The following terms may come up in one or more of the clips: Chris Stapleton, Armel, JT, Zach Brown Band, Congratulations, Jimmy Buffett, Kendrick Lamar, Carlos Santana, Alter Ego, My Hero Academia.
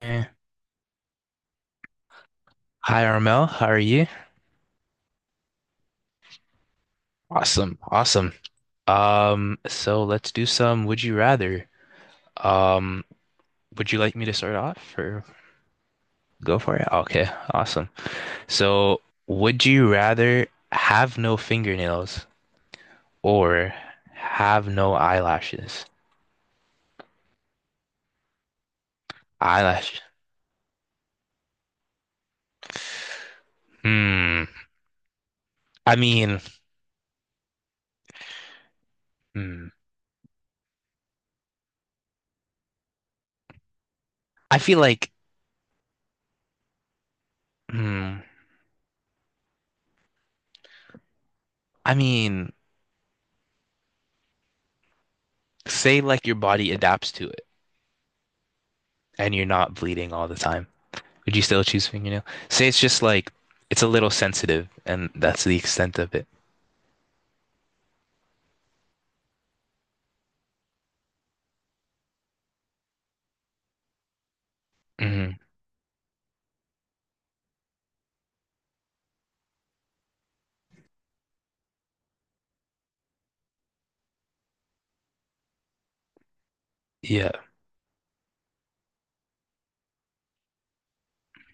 Eh. Hi, Armel. How are you? Awesome. Awesome. So let's do some would you rather. Um, would you like me to start off or go for it? Okay, awesome. So, would you rather have no fingernails or have no eyelashes? Eyelash. Hmm. I mean, hmm. I feel like, hmm. I mean, say like your body adapts to it and you're not bleeding all the time. Would you still choose fingernail? Say it's just like it's a little sensitive, and that's the extent of it. Hmm. Yeah.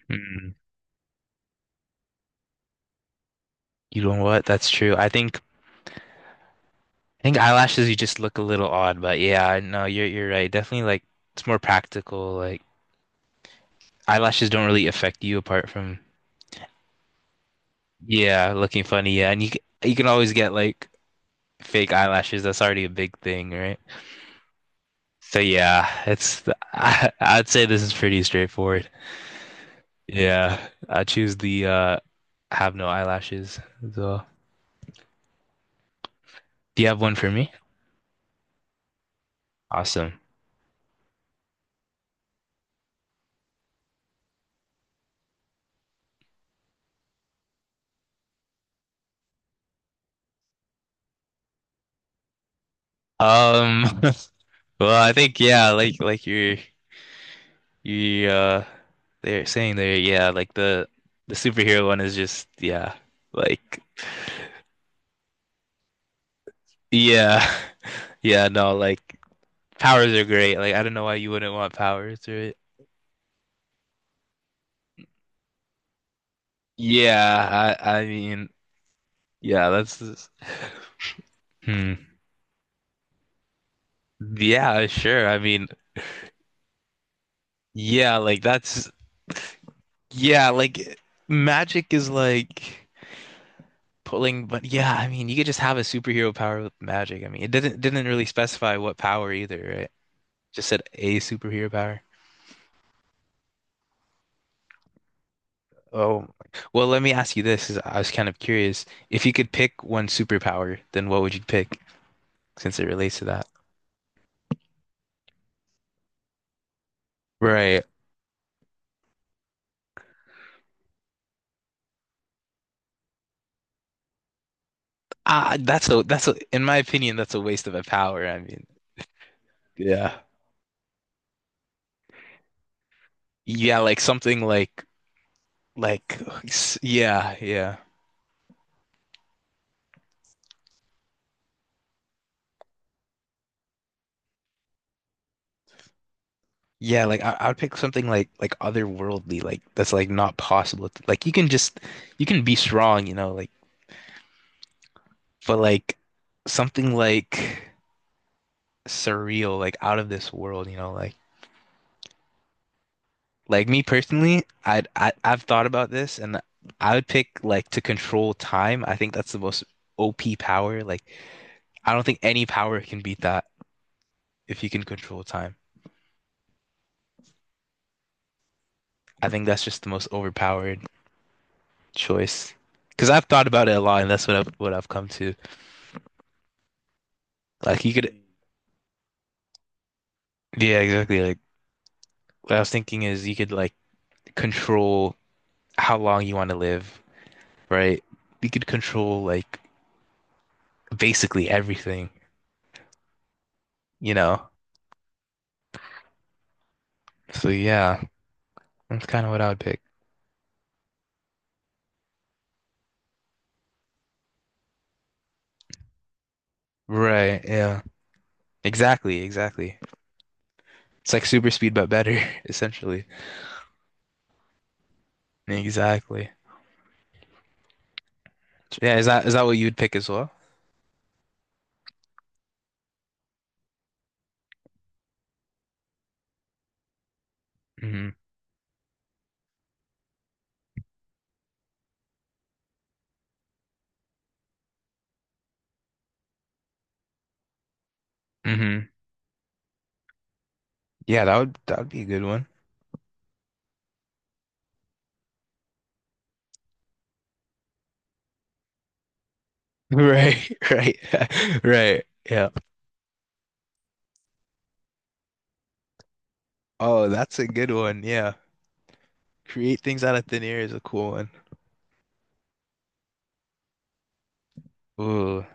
Mm. You know what? That's true. I think eyelashes you just look a little odd, but yeah, no, you're right. Definitely like it's more practical. Like eyelashes don't really affect you apart from, yeah, looking funny. Yeah, and you can always get like fake eyelashes. That's already a big thing, right? So yeah, it's I'd say this is pretty straightforward. Yeah, I choose the have no eyelashes as well. Do you have one for me? Awesome. Um well, I think yeah, like you're you they're saying there, yeah, like the superhero one is just yeah, like yeah. Yeah, no, like powers are great. Like I don't know why you wouldn't want powers, right? Yeah, I mean yeah, Hmm. Yeah, sure. I mean, yeah, like that's Yeah, like magic is like pulling, but yeah, I mean, you could just have a superhero power with magic. I mean, it didn't really specify what power either, right? Just said a superhero power. Oh, well, let me ask you this, 'cause I was kind of curious. If you could pick one superpower, then what would you pick since it relates to that? Right. Ah, that's a in my opinion, that's a waste of a power. I mean, yeah. Yeah, like something like yeah, yeah. Yeah, like I would pick something like otherworldly, like that's like not possible. Like you can be strong, you know, like but like something like surreal, like out of this world, you know, like me personally, I've thought about this and I would pick like to control time. I think that's the most OP power. Like I don't think any power can beat that if you can control time. I think that's just the most overpowered choice. Because I've thought about it a lot, and that's what I've come to. Like you could. Yeah, exactly. Like what I was thinking is you could like control how long you want to live, right? You could control like basically everything, you know? So yeah, that's kind of what I would pick. Right, yeah. Exactly, exactly. It's like super speed but better, essentially. Exactly. Yeah, is that what you'd pick as well? Hmm. Hmm. Yeah, that would be a good one. Right, right, right. Yeah. Oh, that's a good one. Yeah. Create things out of thin air is a cool one. Ooh,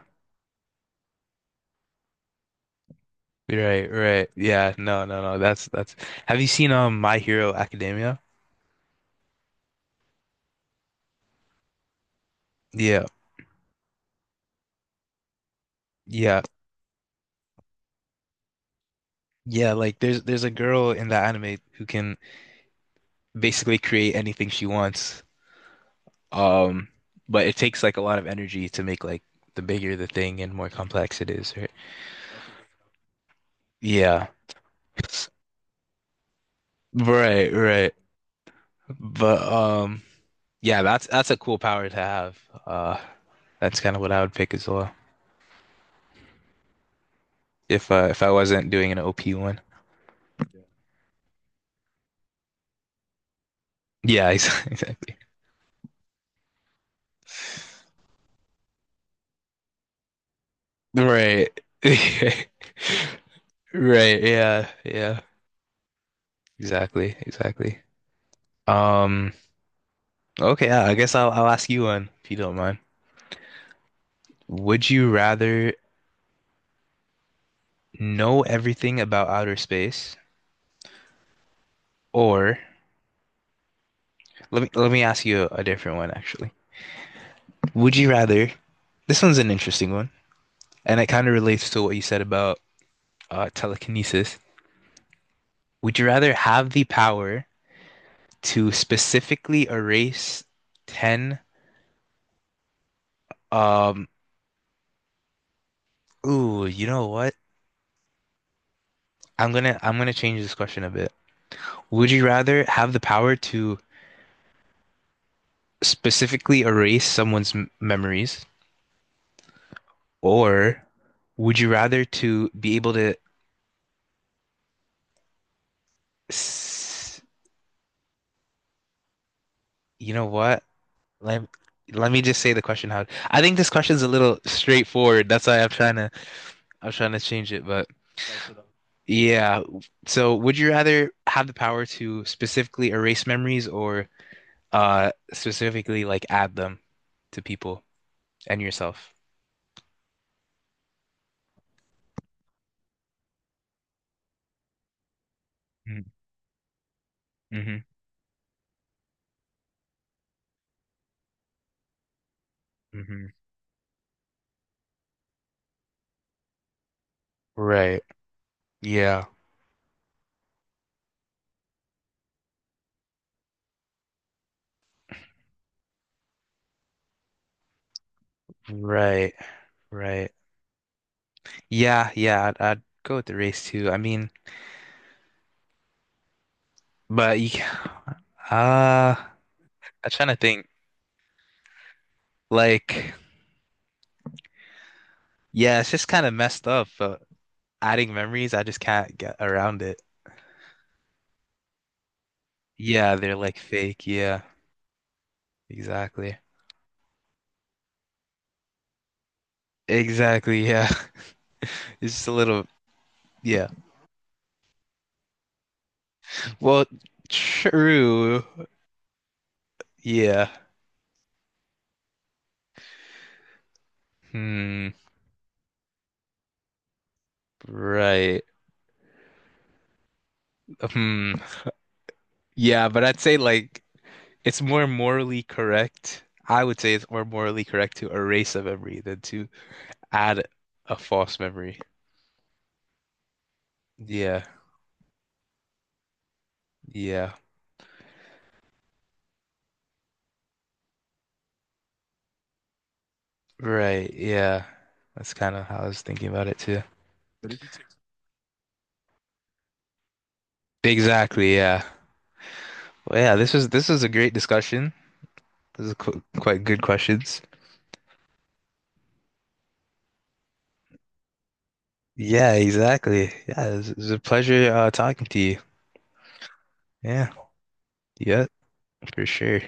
right, right. Yeah, no, no, no. That's. Have you seen My Hero Academia? Yeah, yeah, yeah. Like there's a girl in that anime who can basically create anything she wants. Um, but it takes like a lot of energy to make like the bigger the thing and more complex it is, right? Yeah. Right, right. But yeah, that's a cool power to have. Uh that's kind of what I would pick as well if if I wasn't doing an OP one. Yeah, exactly. Right. Right. Yeah. Yeah. Exactly. Exactly. Um, okay, yeah, I guess I'll ask you one if you don't mind. Would you rather know everything about outer space or let me ask you a different one actually. Would you rather this one's an interesting one and it kind of relates to what you said about telekinesis. Would you rather have the power to specifically erase 10. Um ooh, you know what? I'm gonna change this question a bit. Would you rather have the power to specifically erase someone's m memories, or would you rather to be able to, s you know what? Let let me just say the question how. I think this question's a little straightforward. That's why I'm trying to change it. But yeah, so would you rather have the power to specifically erase memories or specifically like add them to people and yourself? Mm-hmm. Mm-hmm. Right. Yeah. Right. Right. Yeah. Yeah. I'd go with the race too. I mean, but uh, I'm trying to think. Like, yeah, it's just kind of messed up. But adding memories, I just can't get around it. Yeah, they're like fake. Yeah. Exactly. Exactly. Yeah. It's just a little. Yeah. Well, true. Yeah. Hmm. Right. Hmm. Yeah, but I'd say, like, it's more morally correct. I would say it's more morally correct to erase a memory than to add a false memory. Yeah, yeah, right, yeah. That's kind of how I was thinking about it too. Exactly, yeah. Well, yeah, this was a great discussion. This is qu quite good questions. Yeah, exactly. Yeah, it was a pleasure talking to you. Yeah, yeah, for sure.